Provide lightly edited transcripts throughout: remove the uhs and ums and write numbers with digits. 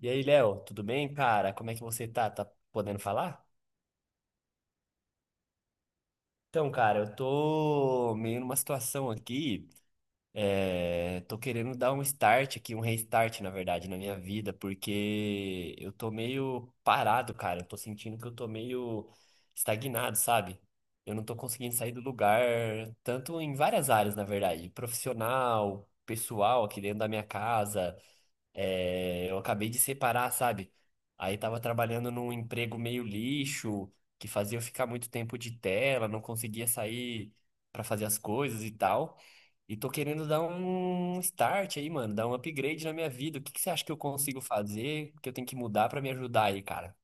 E aí, Léo, tudo bem, cara? Como é que você tá? Tá podendo falar? Então, cara, eu tô meio numa situação aqui, tô querendo dar um start aqui, um restart, na verdade, na minha vida, porque eu tô meio parado, cara. Eu tô sentindo que eu tô meio estagnado, sabe? Eu não tô conseguindo sair do lugar, tanto em várias áreas, na verdade, profissional, pessoal, aqui dentro da minha casa. É, eu acabei de separar, sabe? Aí tava trabalhando num emprego meio lixo, que fazia eu ficar muito tempo de tela, não conseguia sair pra fazer as coisas e tal. E tô querendo dar um start aí, mano, dar um upgrade na minha vida. O que que você acha que eu consigo fazer, que eu tenho que mudar pra me ajudar aí, cara?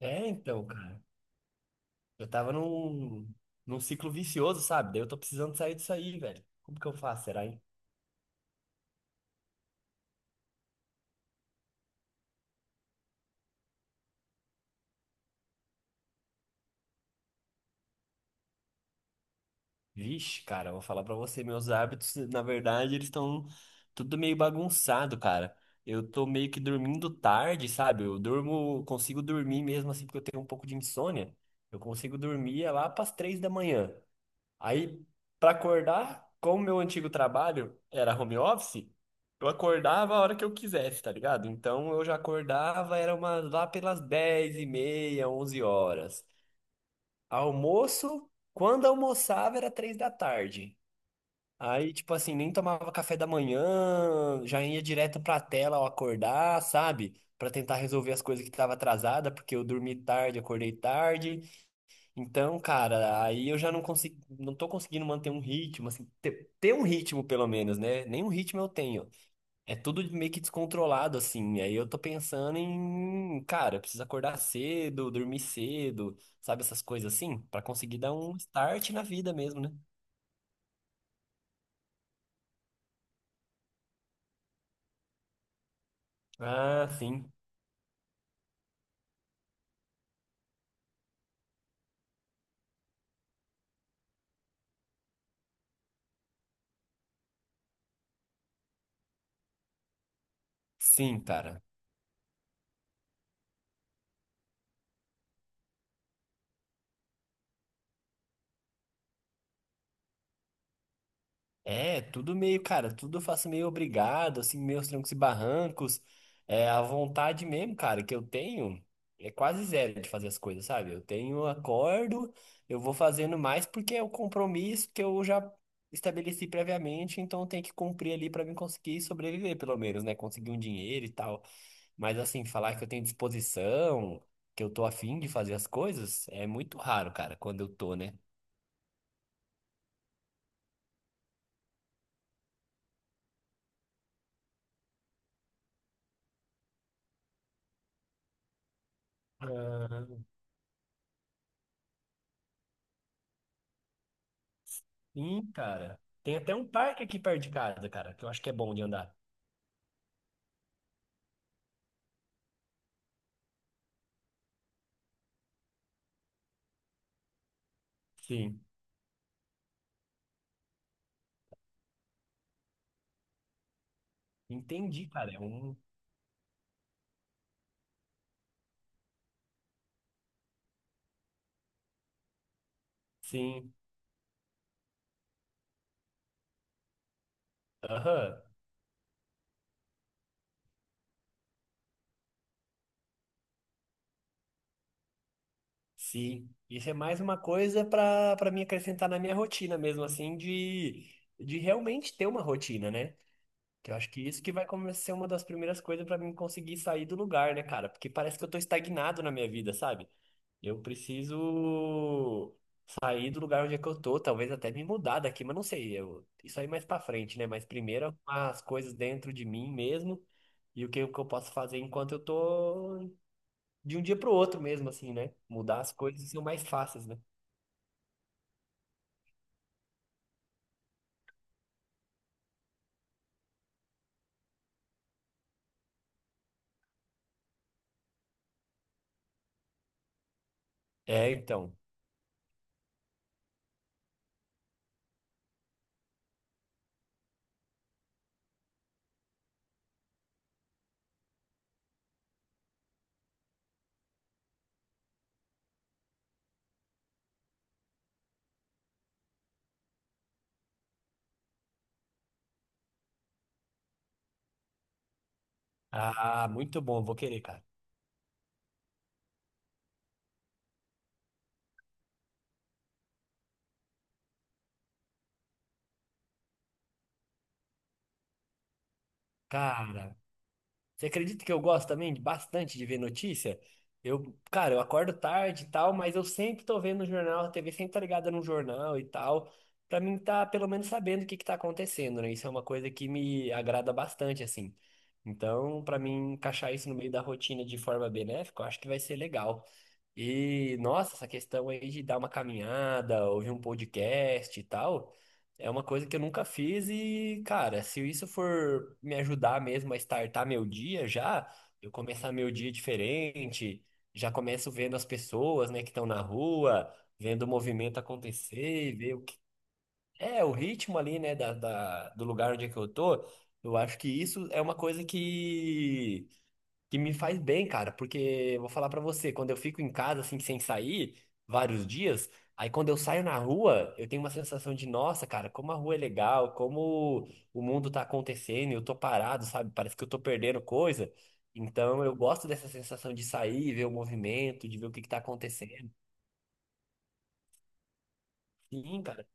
É, então, cara, eu tava num ciclo vicioso, sabe? Daí eu tô precisando sair disso aí, velho. Como que eu faço, será, hein? Vixe, cara, eu vou falar pra você, meus hábitos, na verdade, eles estão tudo meio bagunçado, cara. Eu tô meio que dormindo tarde, sabe? Eu durmo, consigo dormir mesmo assim, porque eu tenho um pouco de insônia. Eu consigo dormir é lá pras 3 da manhã. Aí, pra acordar, como meu antigo trabalho era home office, eu acordava a hora que eu quisesse, tá ligado? Então eu já acordava, era uma, lá pelas 10h30, 11 horas. Almoço, quando almoçava era 3 da tarde. Aí, tipo assim, nem tomava café da manhã, já ia direto pra tela ao acordar, sabe? Pra tentar resolver as coisas que tava atrasada, porque eu dormi tarde, acordei tarde. Então, cara, aí eu já não consigo, não tô conseguindo manter um ritmo, assim, ter um ritmo pelo menos, né? Nenhum ritmo eu tenho. É tudo meio que descontrolado, assim. Aí eu tô pensando em, cara, eu preciso acordar cedo, dormir cedo, sabe? Essas coisas assim, pra conseguir dar um start na vida mesmo, né? Ah, sim. Sim, cara. É, tudo meio, cara, tudo eu faço meio obrigado, assim, meus trancos e barrancos. É, a vontade mesmo, cara, que eu tenho é quase zero de fazer as coisas, sabe? Eu tenho, acordo, eu vou fazendo mais porque é o compromisso que eu já estabeleci previamente, então eu tenho que cumprir ali pra mim conseguir sobreviver, pelo menos, né? Conseguir um dinheiro e tal. Mas assim, falar que eu tenho disposição, que eu tô afim de fazer as coisas, é muito raro, cara, quando eu tô, né? Sim, cara. Tem até um parque aqui perto de casa, cara, que eu acho que é bom de andar. Sim, entendi, cara. É um. Sim, aham, sim. Isso é mais uma coisa pra para me acrescentar na minha rotina mesmo, assim, de realmente ter uma rotina, né? Que eu acho que isso que vai começar a ser uma das primeiras coisas pra mim conseguir sair do lugar, né, cara? Porque parece que eu tô estagnado na minha vida, sabe? Eu preciso sair do lugar onde é que eu tô, talvez até me mudar daqui, mas não sei. Eu, isso aí mais pra frente, né? Mas primeiro arrumar as coisas dentro de mim mesmo e o que eu posso fazer enquanto eu tô de um dia pro outro mesmo, assim, né? Mudar as coisas são mais fáceis, né? É, então. Ah, muito bom, vou querer, cara. Cara, você acredita que eu gosto também bastante de ver notícia? Eu, cara, eu acordo tarde e tal, mas eu sempre tô vendo o jornal, a TV sempre tá ligada no jornal e tal, pra mim tá pelo menos sabendo o que que tá acontecendo, né? Isso é uma coisa que me agrada bastante, assim. Então, pra mim encaixar isso no meio da rotina de forma benéfica, eu acho que vai ser legal. E, nossa, essa questão aí de dar uma caminhada, ouvir um podcast e tal, é uma coisa que eu nunca fiz e, cara, se isso for me ajudar mesmo a startar meu dia já, eu começar meu dia diferente, já começo vendo as pessoas, né, que estão na rua, vendo o movimento acontecer, ver o que é o ritmo ali, né, do lugar onde é que eu tô, eu acho que isso é uma coisa que me faz bem, cara, porque vou falar pra você, quando eu fico em casa assim sem sair vários dias, aí quando eu saio na rua, eu tenho uma sensação de, nossa, cara, como a rua é legal, como o mundo tá acontecendo, eu tô parado, sabe? Parece que eu tô perdendo coisa. Então eu gosto dessa sensação de sair, ver o movimento, de ver o que que tá acontecendo. Sim, cara.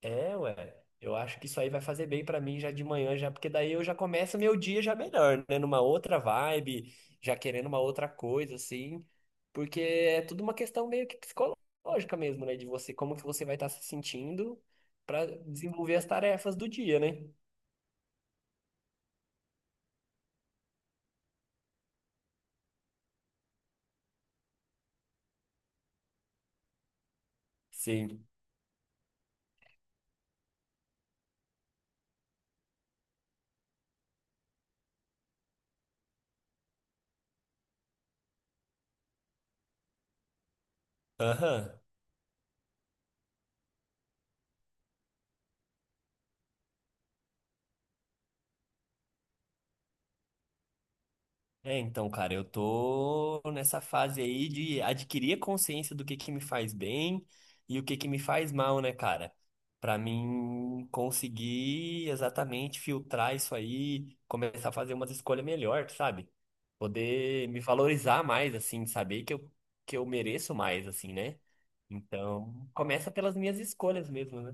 É, ué. Eu acho que isso aí vai fazer bem pra mim já de manhã, já, porque daí eu já começo meu dia já melhor, né? Numa outra vibe, já querendo uma outra coisa, assim. Porque é tudo uma questão meio que psicológica mesmo, né? De você, como que você vai estar se sentindo pra desenvolver as tarefas do dia, né? Sim. Aham. É, então, cara, eu tô nessa fase aí de adquirir a consciência do que me faz bem e o que que me faz mal, né, cara? Pra mim conseguir exatamente filtrar isso aí, começar a fazer umas escolhas melhor, sabe? Poder me valorizar mais, assim, saber que que eu mereço mais, assim, né? Então, começa pelas minhas escolhas mesmo, né?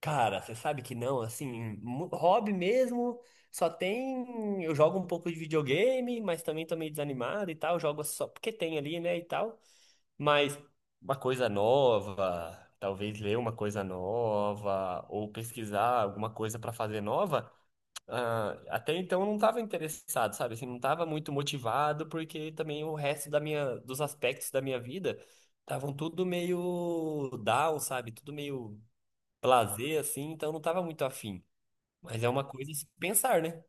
Cara, você sabe que não, assim, hobby mesmo, só tem. Eu jogo um pouco de videogame, mas também tô meio desanimado e tal, jogo só porque tem ali, né, e tal. Mas uma coisa nova, talvez ler uma coisa nova, ou pesquisar alguma coisa pra fazer nova, ah, até então eu não tava interessado, sabe? Assim, não tava muito motivado, porque também o resto dos aspectos da minha vida estavam tudo meio down, sabe? Tudo meio lazer, assim, então eu não tava muito afim. Mas é uma coisa a se pensar, né?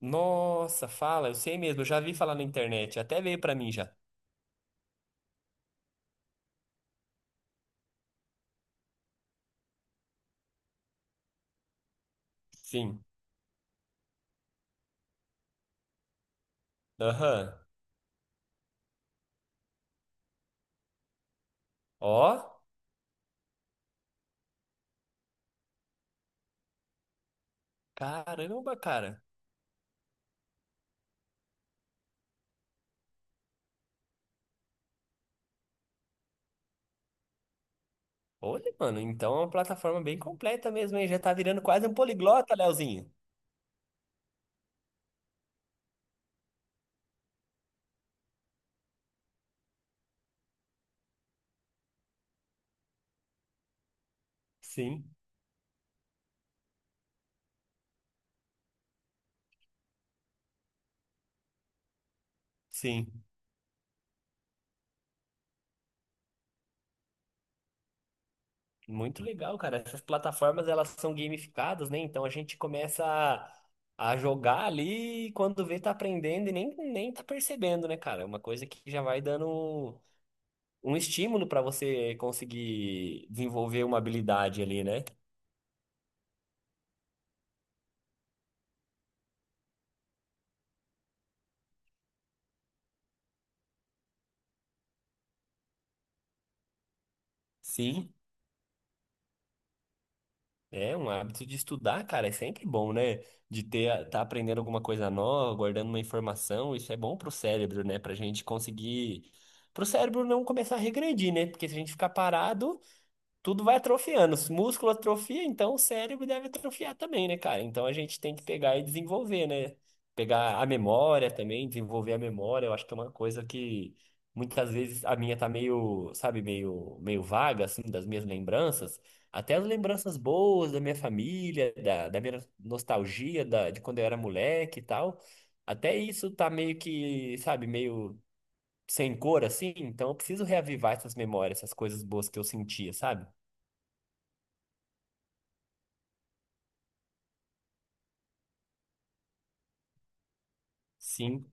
Nossa, fala, eu sei mesmo, eu já vi falar na internet, até veio pra mim já. Sim. Aham. Ó, caramba, cara. Olha, mano, então é uma plataforma bem completa mesmo, hein? Já tá virando quase um poliglota, Leozinho. Sim, sim. Muito legal, cara. Essas plataformas, elas são gamificadas, né? Então a gente começa a jogar ali e quando vê, tá aprendendo e nem tá percebendo, né, cara? É uma coisa que já vai dando um estímulo para você conseguir desenvolver uma habilidade ali, né? Sim, é um hábito de estudar, cara, é sempre bom, né? De ter, tá aprendendo alguma coisa nova, guardando uma informação, isso é bom pro cérebro, né? Pra gente conseguir, pro cérebro não começar a regredir, né? Porque se a gente ficar parado tudo vai atrofiando. Os músculos atrofiam, então o cérebro deve atrofiar também, né, cara? Então a gente tem que pegar e desenvolver, né? Pegar a memória também, desenvolver a memória. Eu acho que é uma coisa que muitas vezes a minha tá meio, sabe, meio vaga, assim, das minhas lembranças. Até as lembranças boas da minha família, da minha nostalgia, de quando eu era moleque e tal. Até isso tá meio que, sabe, meio sem cor, assim. Então eu preciso reavivar essas memórias, essas coisas boas que eu sentia, sabe? Sim,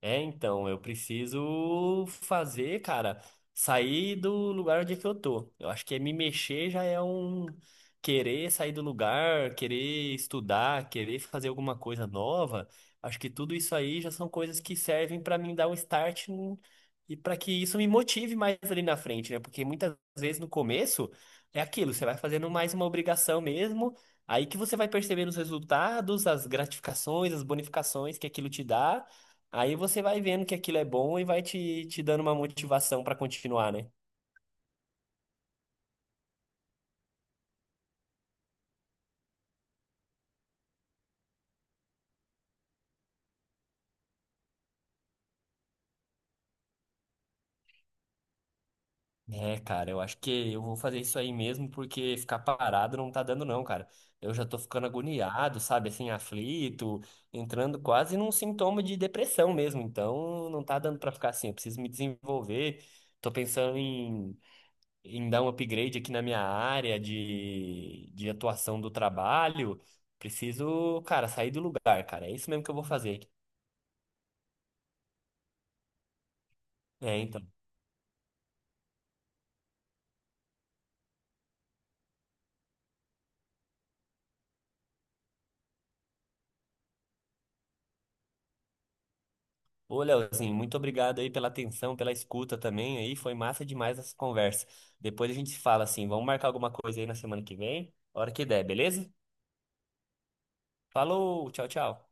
é então, eu preciso fazer, cara, sair do lugar onde é que eu tô. Eu acho que é me mexer já é um querer sair do lugar, querer estudar, querer fazer alguma coisa nova. Acho que tudo isso aí já são coisas que servem pra mim dar um start e pra que isso me motive mais ali na frente, né? Porque muitas vezes no começo é aquilo, você vai fazendo mais uma obrigação mesmo, aí que você vai percebendo os resultados, as gratificações, as bonificações que aquilo te dá. Aí você vai vendo que aquilo é bom e vai te dando uma motivação pra continuar, né? É, cara, eu acho que eu vou fazer isso aí mesmo, porque ficar parado não tá dando não, cara. Eu já tô ficando agoniado, sabe, assim, aflito, entrando quase num sintoma de depressão mesmo. Então, não tá dando pra ficar assim, eu preciso me desenvolver. Tô pensando em, dar um upgrade aqui na minha área de atuação do trabalho. Preciso, cara, sair do lugar, cara. É isso mesmo que eu vou fazer. É, então. Ô, Leozinho, muito obrigado aí pela atenção, pela escuta também aí. Foi massa demais essa conversa. Depois a gente se fala assim, vamos marcar alguma coisa aí na semana que vem, hora que der, beleza? Falou, tchau, tchau.